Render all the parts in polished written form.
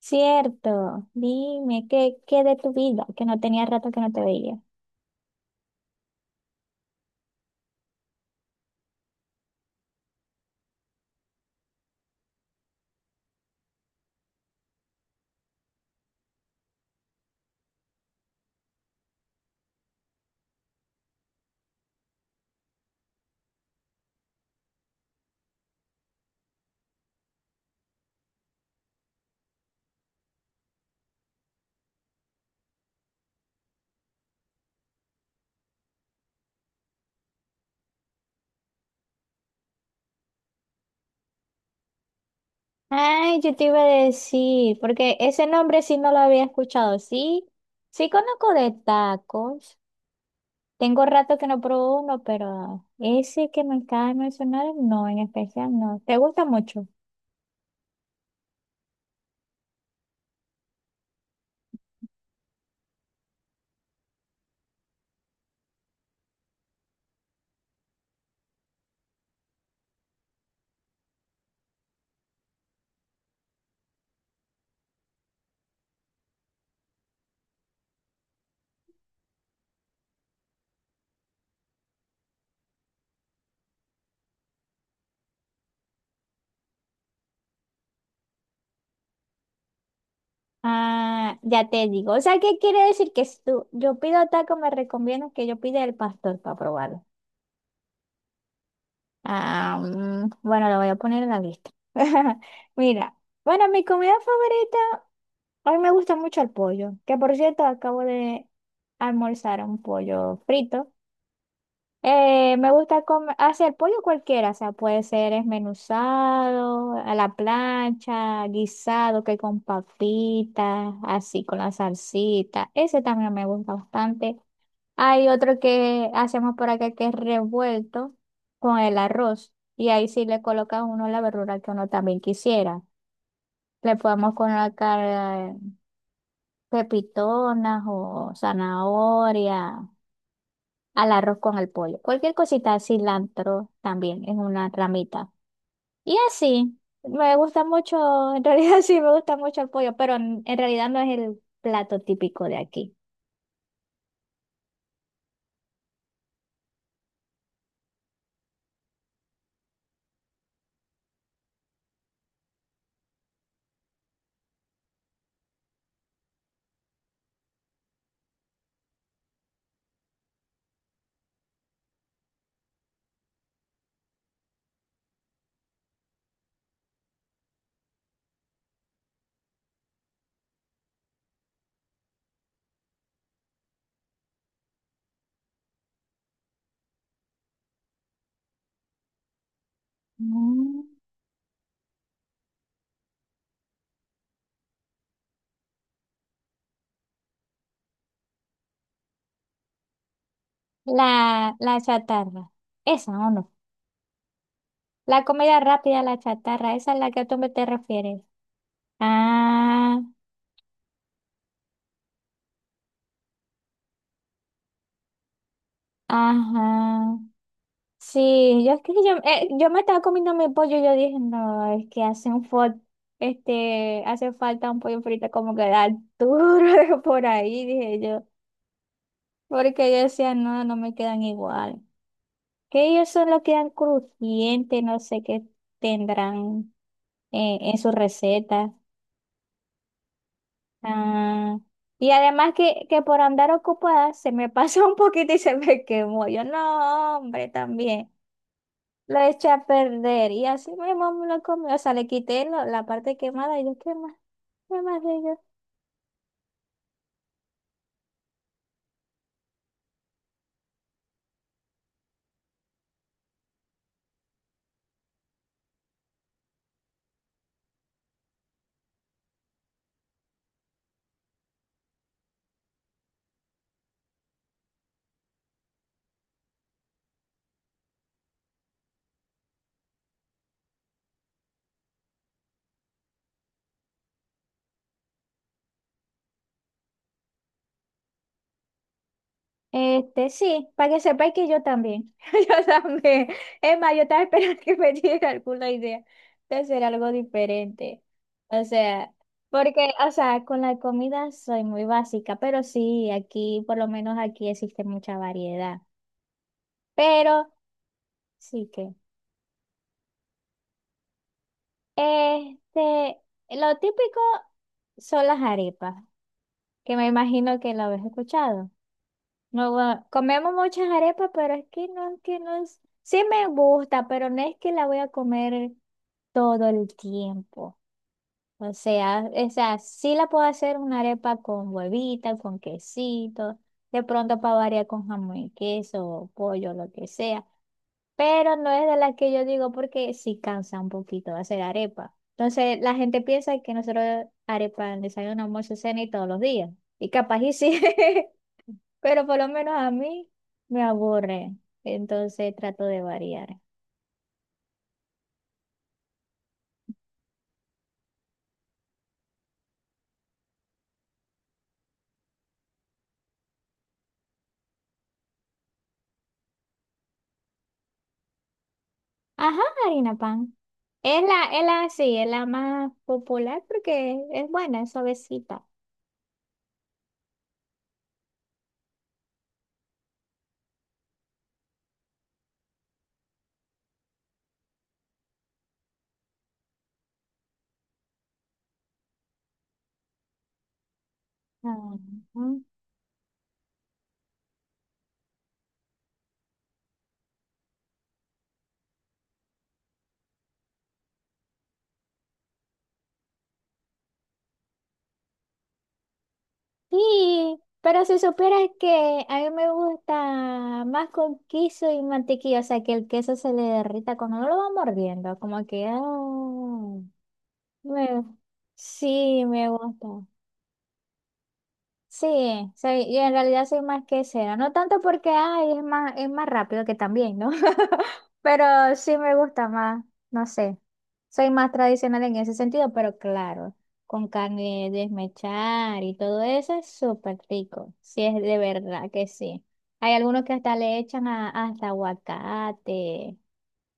Cierto, dime, ¿qué de tu vida? Que no tenía rato que no te veía. Ay, yo te iba a decir, porque ese nombre sí no lo había escuchado. Sí, sí conozco de tacos. Tengo rato que no pruebo uno, pero ese que me acaba de mencionar, no, en especial no. ¿Te gusta mucho? Ah, ya te digo. O sea, ¿qué quiere decir que si tú, yo pido taco, me recomiendas que yo pida el pastor para probarlo? Ah, mm, bueno, lo voy a poner en la lista. Mira, bueno, mi comida favorita, a mí me gusta mucho el pollo, que por cierto acabo de almorzar un pollo frito. Me gusta comer, hacer pollo cualquiera, o sea, puede ser esmenuzado, a la plancha, guisado, que con papitas, así con la salsita. Ese también me gusta bastante. Hay otro que hacemos por acá que es revuelto con el arroz. Y ahí sí le coloca a uno la verdura que uno también quisiera. Le podemos colocar eh, pepitonas o zanahoria al arroz con el pollo. Cualquier cosita, cilantro también es una ramita. Y así, me gusta mucho, en realidad sí me gusta mucho el pollo, pero en realidad no es el plato típico de aquí. Mm. La chatarra. Esa, ¿o no? La comida rápida, la chatarra, esa es la que a tú me te refieres. Ah, ajá. Sí, yo es que yo, yo me estaba comiendo mi pollo y yo dije, no, es que hace un este, hace falta un pollo frito como que da duro por ahí, dije yo. Porque yo decía, no, no me quedan igual. Que ellos solo quedan crujientes, no sé qué tendrán en su receta. Ah, y además que por andar ocupada se me pasó un poquito y se me quemó. Yo, no, hombre, también. Lo eché a perder y así mi mamá me lo comió. O sea, le quité la parte quemada y yo, ¿qué más? ¿Qué más de ello? Este, sí, para que sepáis que yo también. Yo también. Es más, yo estaba esperando que me diera alguna idea de hacer algo diferente. O sea, porque, o sea, con la comida soy muy básica, pero sí, aquí, por lo menos aquí existe mucha variedad. Pero sí que. Este, lo típico son las arepas, que me imagino que lo habéis escuchado. No, bueno, comemos muchas arepas, pero es que no, es que no es... Sí me gusta, pero no es que la voy a comer todo el tiempo. O sea, sí la puedo hacer una arepa con huevita, con quesito, de pronto para variar con jamón y queso, o pollo, lo que sea. Pero no es de las que yo digo porque sí cansa un poquito hacer arepa. Entonces la gente piensa que nosotros arepa en desayuno, almuerzo, cena y todos los días. Y capaz y sí. Pero por lo menos a mí me aburre, entonces trato de variar. Ajá, harina pan. Es la, sí, es la más popular porque es buena, es suavecita. Ah, ujú. Sí, pero si supieras que a mí me gusta más con queso y mantequilla, o sea, que el queso se le derrita cuando uno lo va mordiendo, como que, ah, me- sí, me gusta. Sí, sí, y en realidad soy más quesera. No tanto porque ay, es más rápido que también, ¿no? Pero sí me gusta más, no sé. Soy más tradicional en ese sentido, pero claro, con carne de desmechar y todo eso es súper rico. Sí, es de verdad que sí. Hay algunos que hasta le echan hasta aguacate.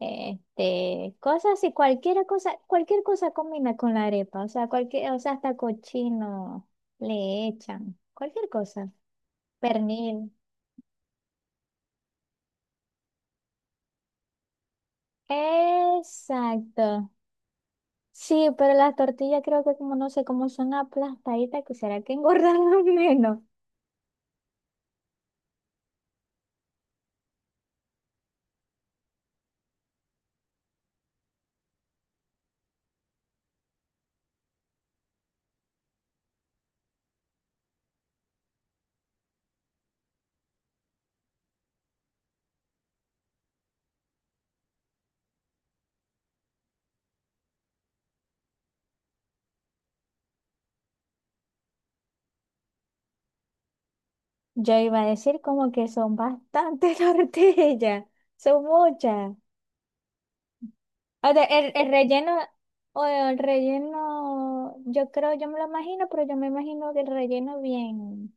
Este, cosas así, cualquier cosa combina con la arepa, o sea, cualquier, o sea, hasta cochino le echan, cualquier cosa, pernil. Exacto. Sí, pero las tortillas creo que como no sé cómo son aplastaditas, que será que engordan menos. Yo iba a decir como que son bastantes tortillas, son muchas. O sea, el relleno, o el relleno, yo creo, yo me lo imagino, pero yo me imagino que el relleno bien.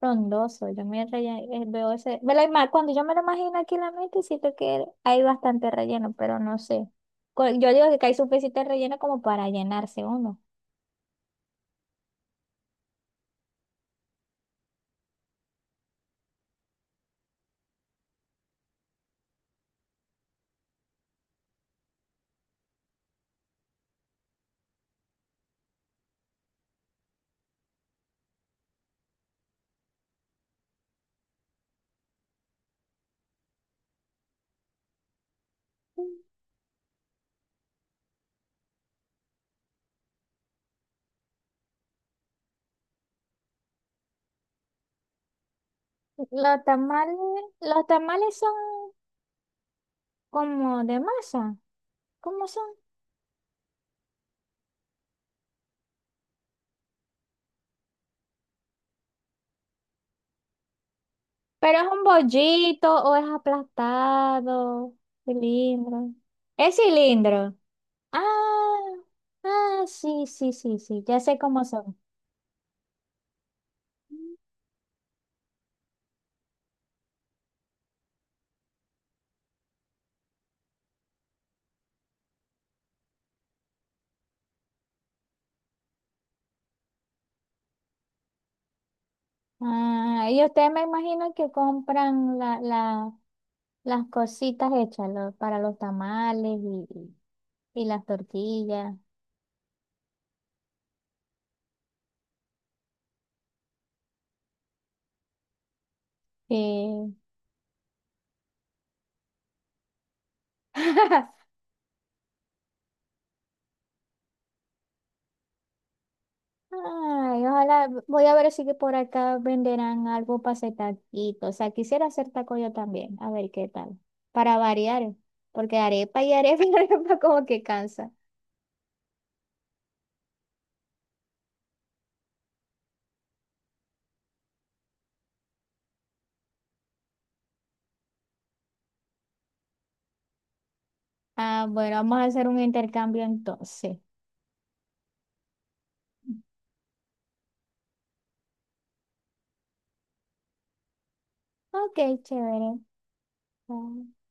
Frondoso, veo ese, cuando yo me lo imagino aquí en la mente, siento que hay bastante relleno, pero no sé. Yo digo que hay suficiente relleno como para llenarse uno. Los tamales, los tamales son como de masa, ¿cómo son? Pero ¿es un bollito o es aplastado, cilindro? Es cilindro. Ah, ah, sí, sí, sí, sí, ya sé cómo son. Ah, y ustedes me imagino que compran las cositas hechas para los tamales y las tortillas. Sí. Ay, ojalá, voy a ver si que por acá venderán algo para hacer taquito. O sea, quisiera hacer taco yo también, a ver qué tal. Para variar, porque arepa y arepa como que cansa. Ah, bueno, vamos a hacer un intercambio entonces. Ok, chévere. Ah.